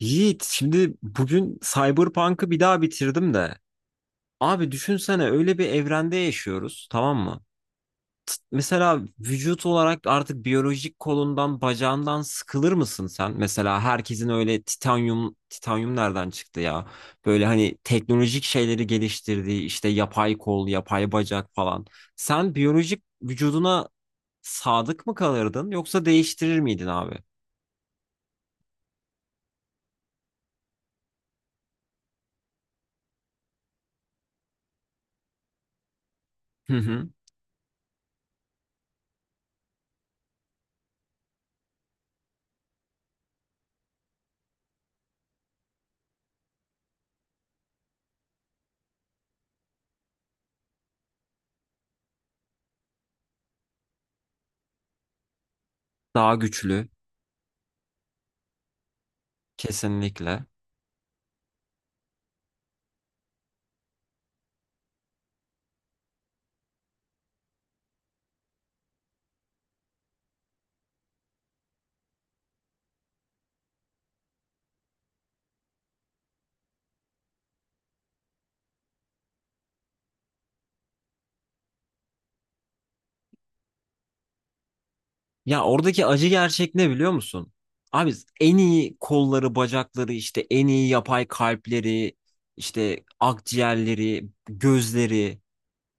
Yiğit, şimdi bugün Cyberpunk'ı bir daha bitirdim de. Abi düşünsene öyle bir evrende yaşıyoruz, tamam mı? Mesela vücut olarak artık biyolojik kolundan, bacağından sıkılır mısın sen? Mesela herkesin öyle titanyum, titanyum nereden çıktı ya? Böyle hani teknolojik şeyleri geliştirdiği işte yapay kol, yapay bacak falan. Sen biyolojik vücuduna sadık mı kalırdın yoksa değiştirir miydin abi? Hı hı. Daha güçlü, kesinlikle. Ya oradaki acı gerçek ne biliyor musun? Abi en iyi kolları, bacakları, işte en iyi yapay kalpleri, işte akciğerleri, gözleri,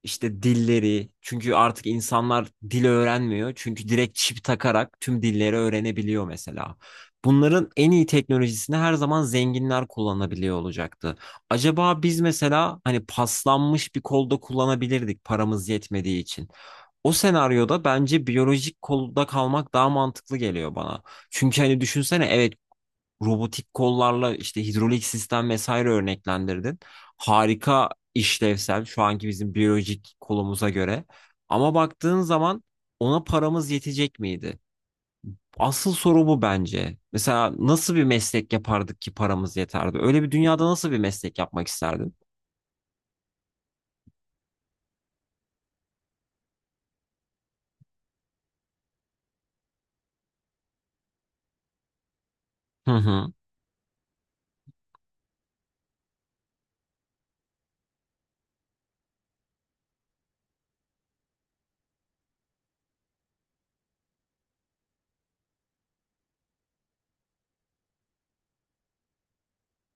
işte dilleri. Çünkü artık insanlar dil öğrenmiyor. Çünkü direkt çip takarak tüm dilleri öğrenebiliyor mesela. Bunların en iyi teknolojisini her zaman zenginler kullanabiliyor olacaktı. Acaba biz mesela hani paslanmış bir kolda kullanabilirdik paramız yetmediği için. O senaryoda bence biyolojik kolda kalmak daha mantıklı geliyor bana. Çünkü hani düşünsene evet robotik kollarla işte hidrolik sistem vesaire örneklendirdin. Harika işlevsel şu anki bizim biyolojik kolumuza göre. Ama baktığın zaman ona paramız yetecek miydi? Asıl soru bu bence. Mesela nasıl bir meslek yapardık ki paramız yeterdi? Öyle bir dünyada nasıl bir meslek yapmak isterdin? Hı hı.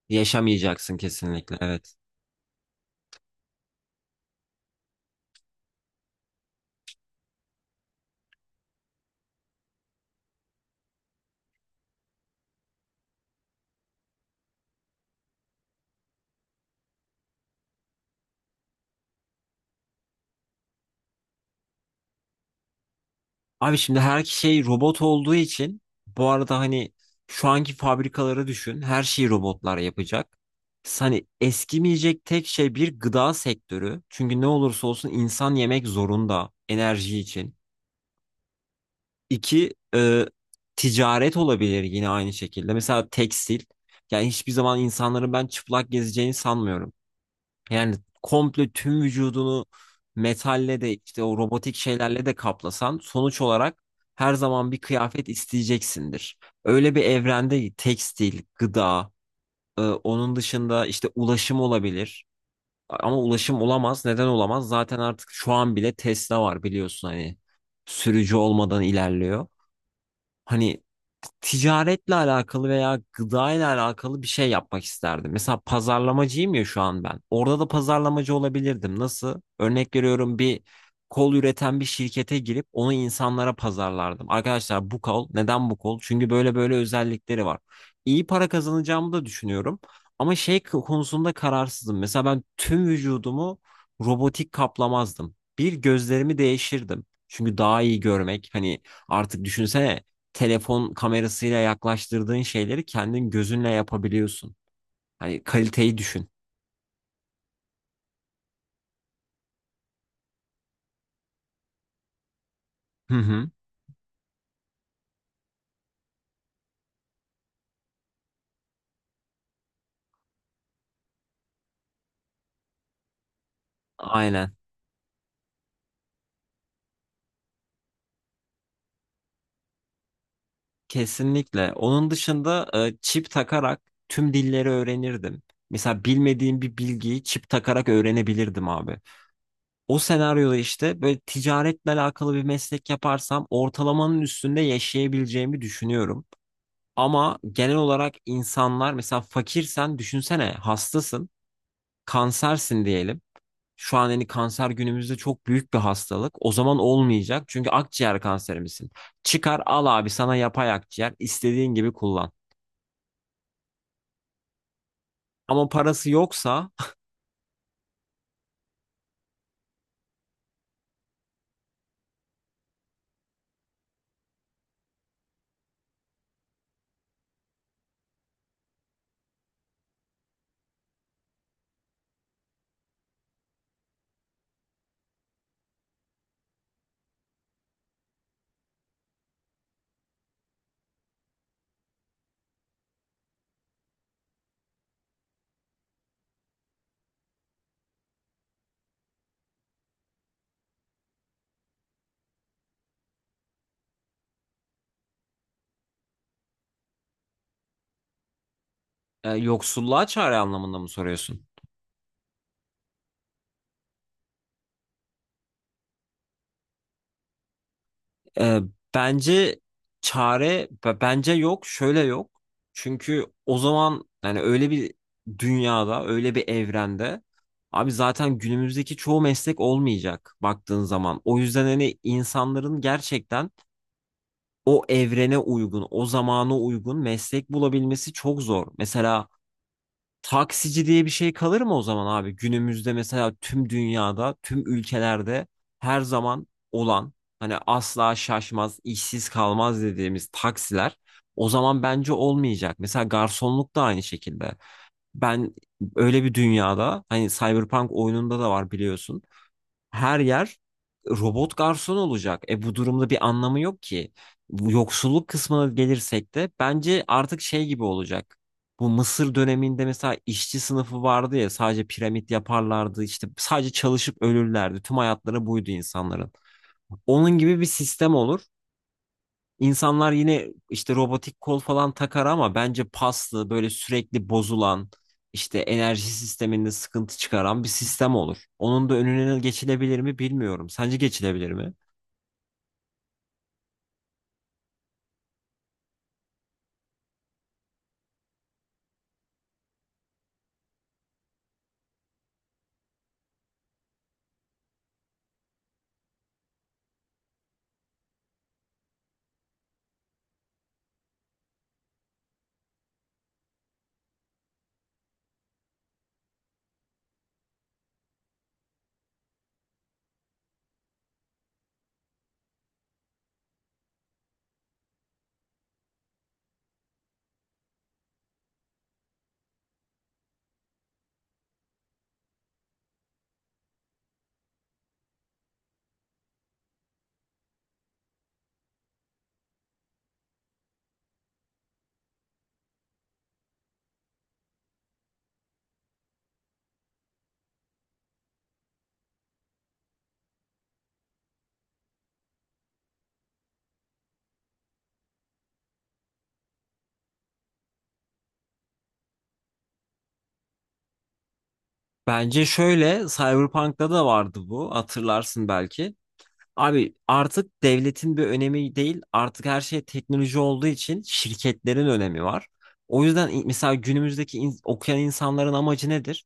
Yaşamayacaksın kesinlikle. Evet. Abi şimdi her şey robot olduğu için bu arada hani şu anki fabrikaları düşün. Her şeyi robotlar yapacak. Hani eskimeyecek tek şey bir gıda sektörü. Çünkü ne olursa olsun insan yemek zorunda enerji için. İki, ticaret olabilir yine aynı şekilde. Mesela tekstil. Yani hiçbir zaman insanların ben çıplak gezeceğini sanmıyorum. Yani komple tüm vücudunu metalle de işte o robotik şeylerle de kaplasan sonuç olarak her zaman bir kıyafet isteyeceksindir. Öyle bir evrende tekstil, gıda, onun dışında işte ulaşım olabilir. Ama ulaşım olamaz. Neden olamaz? Zaten artık şu an bile Tesla var biliyorsun hani sürücü olmadan ilerliyor. Hani ticaretle alakalı veya gıdayla alakalı bir şey yapmak isterdim. Mesela pazarlamacıyım ya şu an ben. Orada da pazarlamacı olabilirdim. Nasıl? Örnek veriyorum bir kol üreten bir şirkete girip onu insanlara pazarlardım. Arkadaşlar bu kol, neden bu kol? Çünkü böyle böyle özellikleri var. İyi para kazanacağımı da düşünüyorum. Ama şey konusunda kararsızım. Mesela ben tüm vücudumu robotik kaplamazdım. Bir gözlerimi değişirdim. Çünkü daha iyi görmek hani artık düşünsene telefon kamerasıyla yaklaştırdığın şeyleri kendin gözünle yapabiliyorsun. Hani kaliteyi düşün. Hı hı. Aynen. Kesinlikle. Onun dışında çip takarak tüm dilleri öğrenirdim. Mesela bilmediğim bir bilgiyi çip takarak öğrenebilirdim abi. O senaryoda işte böyle ticaretle alakalı bir meslek yaparsam ortalamanın üstünde yaşayabileceğimi düşünüyorum. Ama genel olarak insanlar mesela fakirsen düşünsene hastasın, kansersin diyelim. Şu an hani kanser günümüzde çok büyük bir hastalık. O zaman olmayacak. Çünkü akciğer kanserimizin. Çıkar al abi sana yapay akciğer. İstediğin gibi kullan. Ama parası yoksa yoksulluğa çare anlamında mı soruyorsun? E, bence çare bence yok. Şöyle yok. Çünkü o zaman yani öyle bir dünyada, öyle bir evrende abi zaten günümüzdeki çoğu meslek olmayacak baktığın zaman. O yüzden hani insanların gerçekten o evrene uygun, o zamana uygun meslek bulabilmesi çok zor. Mesela taksici diye bir şey kalır mı o zaman abi? Günümüzde mesela tüm dünyada, tüm ülkelerde her zaman olan hani asla şaşmaz, işsiz kalmaz dediğimiz taksiler o zaman bence olmayacak. Mesela garsonluk da aynı şekilde. Ben öyle bir dünyada hani Cyberpunk oyununda da var biliyorsun her yer robot garson olacak. E, bu durumda bir anlamı yok ki. Bu yoksulluk kısmına gelirsek de bence artık şey gibi olacak. Bu Mısır döneminde mesela işçi sınıfı vardı ya sadece piramit yaparlardı işte sadece çalışıp ölürlerdi. Tüm hayatları buydu insanların. Onun gibi bir sistem olur. İnsanlar yine işte robotik kol falan takar ama bence paslı, böyle sürekli bozulan, işte enerji sisteminde sıkıntı çıkaran bir sistem olur. Onun da önüne geçilebilir mi bilmiyorum. Sence geçilebilir mi? Bence şöyle, Cyberpunk'ta da vardı bu. Hatırlarsın belki. Abi artık devletin bir önemi değil, artık her şey teknoloji olduğu için şirketlerin önemi var. O yüzden mesela günümüzdeki okuyan insanların amacı nedir?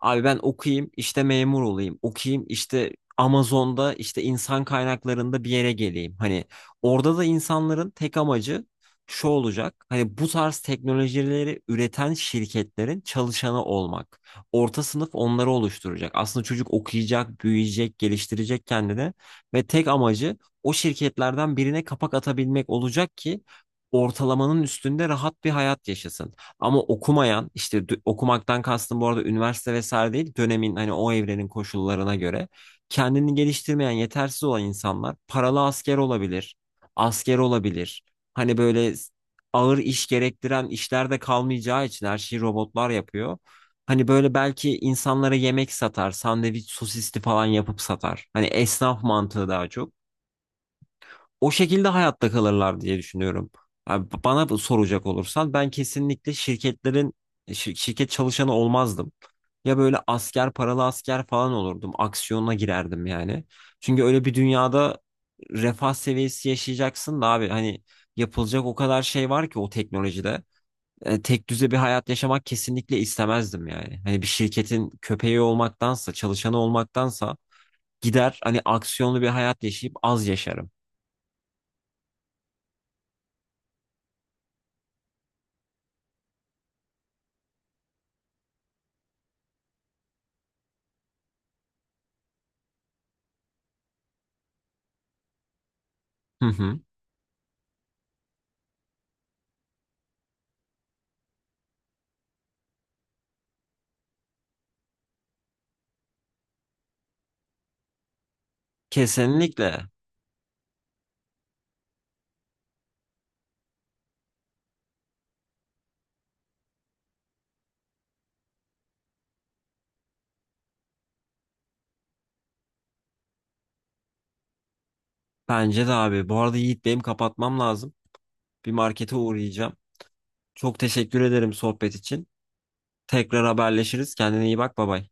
Abi ben okuyayım işte memur olayım. Okuyayım işte Amazon'da işte insan kaynaklarında bir yere geleyim. Hani orada da insanların tek amacı şu olacak. Hani bu tarz teknolojileri üreten şirketlerin çalışanı olmak. Orta sınıf onları oluşturacak. Aslında çocuk okuyacak, büyüyecek, geliştirecek kendini ve tek amacı o şirketlerden birine kapak atabilmek olacak ki ortalamanın üstünde rahat bir hayat yaşasın. Ama okumayan işte okumaktan kastım bu arada üniversite vesaire değil dönemin hani o evrenin koşullarına göre kendini geliştirmeyen yetersiz olan insanlar paralı asker olabilir, asker olabilir. Hani böyle ağır iş gerektiren işler de kalmayacağı için her şeyi robotlar yapıyor. Hani böyle belki insanlara yemek satar, sandviç sosisli falan yapıp satar. Hani esnaf mantığı daha çok o şekilde hayatta kalırlar diye düşünüyorum. Abi bana bu soracak olursan ben kesinlikle şirketlerin şirket çalışanı olmazdım. Ya böyle asker paralı asker falan olurdum. Aksiyona girerdim yani. Çünkü öyle bir dünyada refah seviyesi yaşayacaksın da abi hani yapılacak o kadar şey var ki o teknolojide. E, tek düze bir hayat yaşamak kesinlikle istemezdim yani. Hani bir şirketin köpeği olmaktansa, çalışanı olmaktansa gider hani aksiyonlu bir hayat yaşayıp az yaşarım. Hı hı. Kesinlikle. Bence de abi. Bu arada Yiğit benim kapatmam lazım. Bir markete uğrayacağım. Çok teşekkür ederim sohbet için. Tekrar haberleşiriz. Kendine iyi bak. Bay bay.